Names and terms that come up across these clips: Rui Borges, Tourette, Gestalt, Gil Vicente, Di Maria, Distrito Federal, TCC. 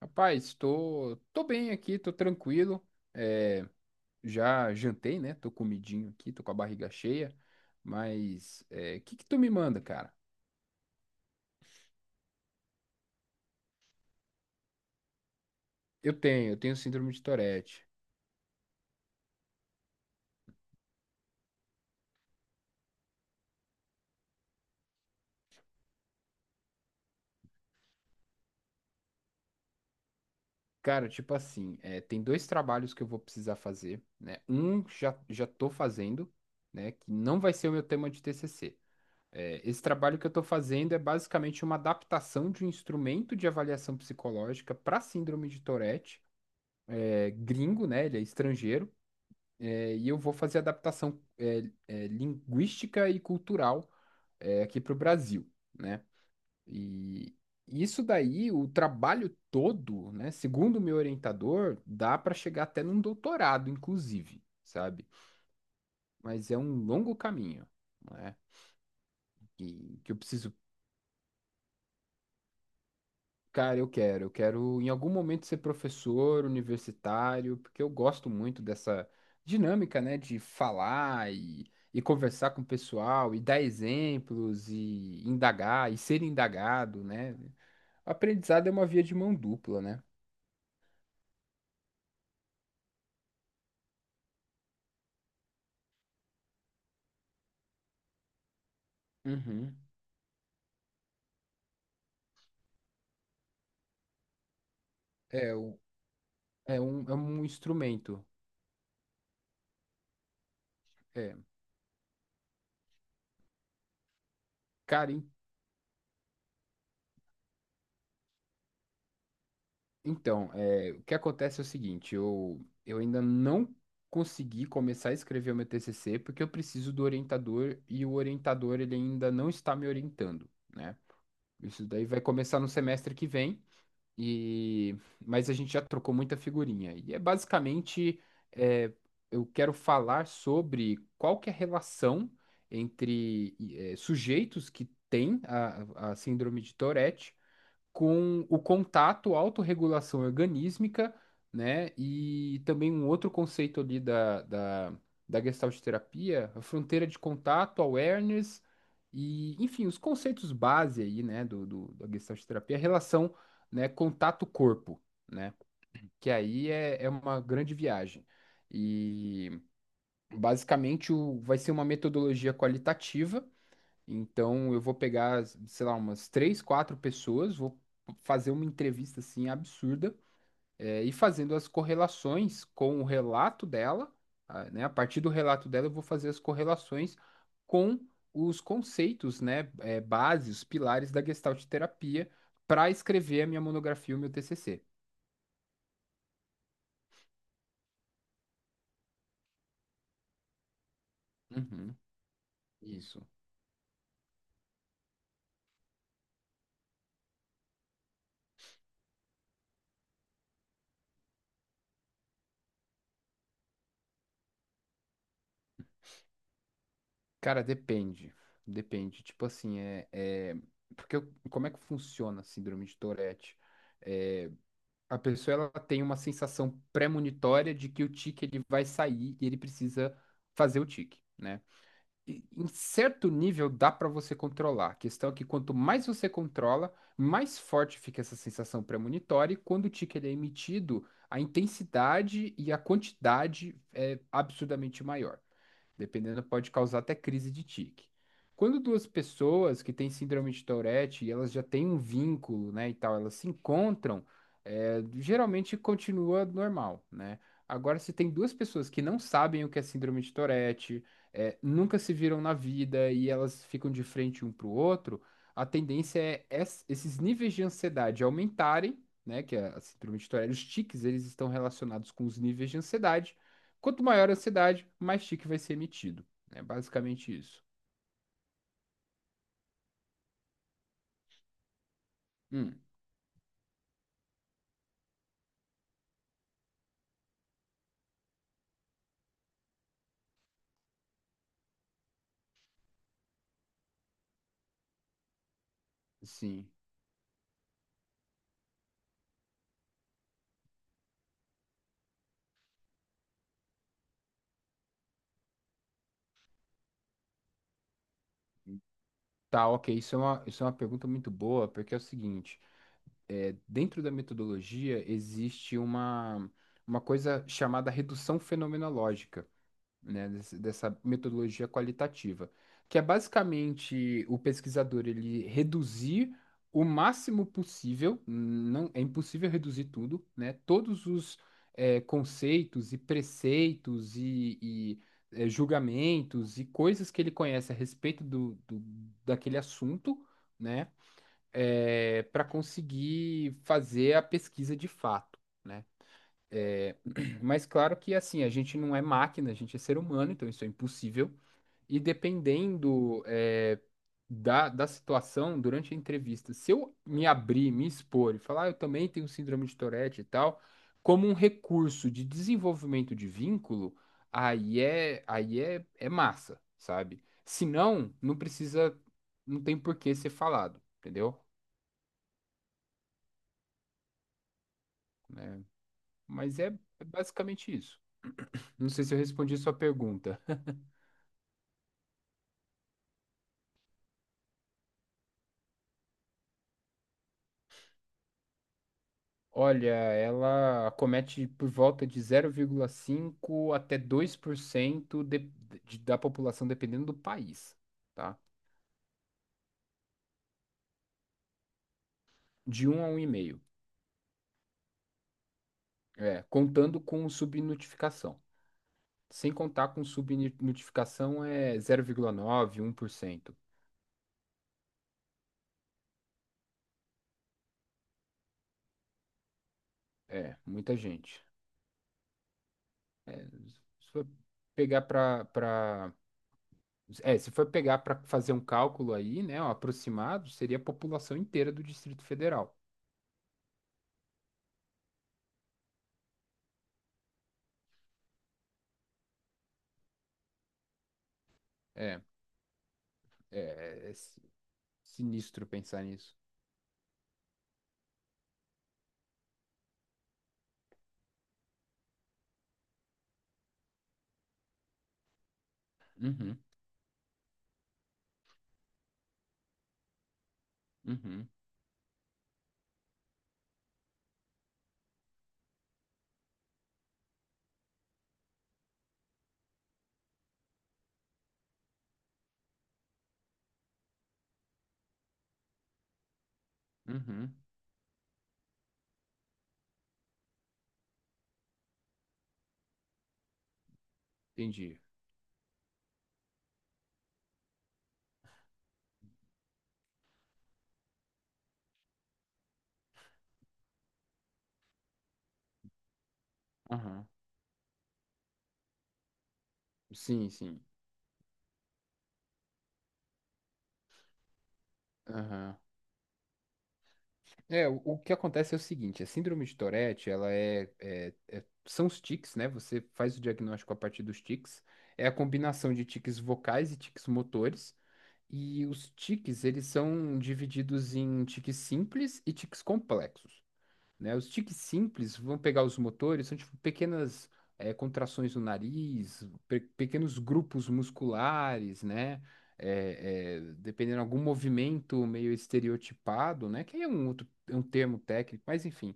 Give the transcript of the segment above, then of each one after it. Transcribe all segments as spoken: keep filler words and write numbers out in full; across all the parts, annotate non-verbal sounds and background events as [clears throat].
Rapaz, tô, tô bem aqui, tô tranquilo. É, já jantei, né? Tô comidinho aqui, tô com a barriga cheia. Mas é, o que que tu me manda, cara? Eu tenho, eu tenho síndrome de Tourette. Cara, tipo assim, é, tem dois trabalhos que eu vou precisar fazer, né? Um já, já tô fazendo, né? Que não vai ser o meu tema de T C C. É, esse trabalho que eu tô fazendo é basicamente uma adaptação de um instrumento de avaliação psicológica para síndrome de Tourette. É gringo, né? Ele é estrangeiro. É, e eu vou fazer adaptação é, é, linguística e cultural, é, aqui para o Brasil, né? E isso daí, o trabalho todo, né? Segundo o meu orientador, dá para chegar até num doutorado, inclusive, sabe? Mas é um longo caminho, né? E que eu preciso. Cara, eu quero. Eu quero em algum momento ser professor universitário, porque eu gosto muito dessa dinâmica, né, de falar e, e conversar com o pessoal e dar exemplos e indagar e ser indagado, né? Aprendizado é uma via de mão dupla, né? Uhum. É, o- é um, é um instrumento. É. Cara, então, é, o que acontece é o seguinte, eu, eu ainda não consegui começar a escrever o meu T C C porque eu preciso do orientador e o orientador ele ainda não está me orientando, né? Isso daí vai começar no semestre que vem e mas a gente já trocou muita figurinha e é basicamente é, eu quero falar sobre qual que é a relação entre eh, sujeitos que têm a, a síndrome de Tourette com o contato, autorregulação organísmica, né? E também um outro conceito ali da, da, da Gestalt terapia, a fronteira de contato, awareness, e, enfim, os conceitos base aí, né, do, do, da Gestalt terapia, a relação, né, contato-corpo, né? Que aí é, é uma grande viagem. E basicamente o, vai ser uma metodologia qualitativa, então eu vou pegar, sei lá, umas três, quatro pessoas, vou fazer uma entrevista assim absurda, eh, e fazendo as correlações com o relato dela, ah, né? A partir do relato dela, eu vou fazer as correlações com os conceitos, né? Eh, bases, os pilares da Gestalt terapia para escrever a minha monografia, o meu T C C. Uhum, isso. Cara, depende. Depende. Tipo assim, é, é... porque eu- como é que funciona a síndrome de Tourette? É, a pessoa ela tem uma sensação premonitória de que o tique ele vai sair e ele precisa fazer o tique, né? E, em certo nível dá para você controlar. A questão é que quanto mais você controla, mais forte fica essa sensação premonitória, e quando o tique ele é emitido, a intensidade e a quantidade é absurdamente maior. Dependendo, pode causar até crise de tique. Quando duas pessoas que têm síndrome de Tourette e elas já têm um vínculo, né, e tal, elas se encontram, é, geralmente continua normal, né? Agora, se tem duas pessoas que não sabem o que é síndrome de Tourette, é, nunca se viram na vida e elas ficam de frente um para o outro, a tendência é es- esses níveis de ansiedade aumentarem, né? Que a a síndrome de Tourette, os tiques, eles estão relacionados com os níveis de ansiedade. Quanto maior a ansiedade, mais tique vai ser emitido. É basicamente isso. Hum, sim. Tá, ok. Isso é uma, isso é uma pergunta muito boa, porque é o seguinte: é, dentro da metodologia existe uma, uma coisa chamada redução fenomenológica. Né, desse- dessa metodologia qualitativa, que é basicamente o pesquisador ele reduzir o máximo possível, não é impossível reduzir tudo, né, todos os eh, conceitos e preceitos e, e, eh, julgamentos e coisas que ele conhece a respeito do, do- daquele assunto, né, para conseguir fazer a pesquisa de fato. Né? É, [clears throat] mas claro que assim, a gente não é máquina, a gente é ser humano, então isso é impossível. E dependendo é, da, da situação, durante a entrevista, se eu me abrir, me expor e falar, "Ah, eu também tenho síndrome de Tourette e tal", como um recurso de desenvolvimento de vínculo, aí é, aí é, é massa, sabe? Se não, não precisa, não tem por que ser falado, entendeu? Né? mas é é basicamente isso. Não sei se eu respondi a sua pergunta. Olha, ela acomete por volta de zero vírgula cinco até dois por cento de, de, da população, dependendo do país, tá? De um a um 1,5, é, contando com subnotificação. Sem contar com subnotificação é zero vírgula nove, um por cento. É, muita gente. É, se for pegar para para é, se for pegar para fazer um cálculo aí, né, um aproximado, seria a população inteira do Distrito Federal. É. É, sinistro pensar nisso. Uhum, uhum, uhum. Entendi. Aham. Sim, sim. Aham. É, o, o que acontece é o seguinte, a síndrome de Tourette, ela é, é- é- são os tiques, né? Você faz o diagnóstico a partir dos tiques. É a combinação de tiques vocais e tiques motores. E os tiques, eles são divididos em tiques simples e tiques complexos. Né? Os tiques simples vão pegar os motores, são tipo pequenas eh, contrações no nariz, pe- pequenos grupos musculares, né? Eh, eh, dependendo de algum movimento meio estereotipado, né? Que aí é um outro, é um termo técnico, mas enfim.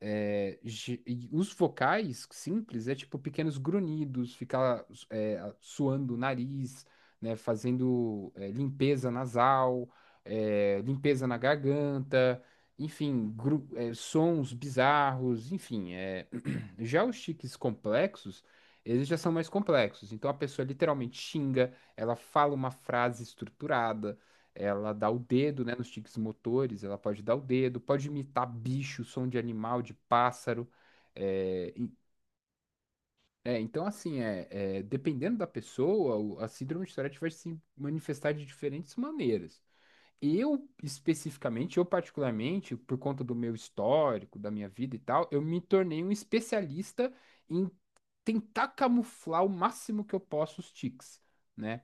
É, ge- e os vocais simples é tipo pequenos grunhidos, ficar é, suando o nariz, né, fazendo é, limpeza nasal, é, limpeza na garganta, enfim, gru- é, sons bizarros, enfim. É. [clears throat] Já os tiques complexos, eles já são mais complexos. Então a pessoa literalmente xinga, ela fala uma frase estruturada, ela dá o dedo, né, nos tiques motores, ela pode dar o dedo, pode imitar bicho, som de animal, de pássaro. É, e- É, então, assim, é, é, dependendo da pessoa, o- a síndrome de Tourette vai se manifestar de diferentes maneiras. Eu, especificamente, eu particularmente, por conta do meu histórico, da minha vida e tal, eu me tornei um especialista em tentar camuflar o máximo que eu posso os tiques. Né?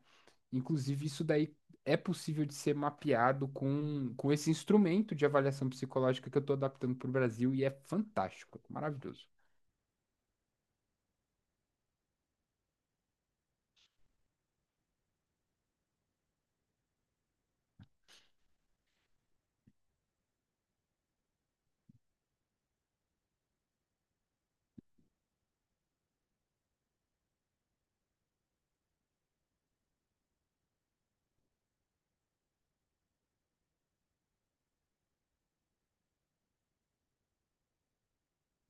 Inclusive, isso daí é possível de ser mapeado com, com esse instrumento de avaliação psicológica que eu estou adaptando para o Brasil e é fantástico, maravilhoso,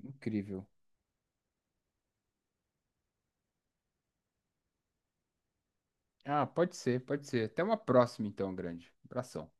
incrível. Ah, pode ser, pode ser. Até uma próxima, então, grande. Abração.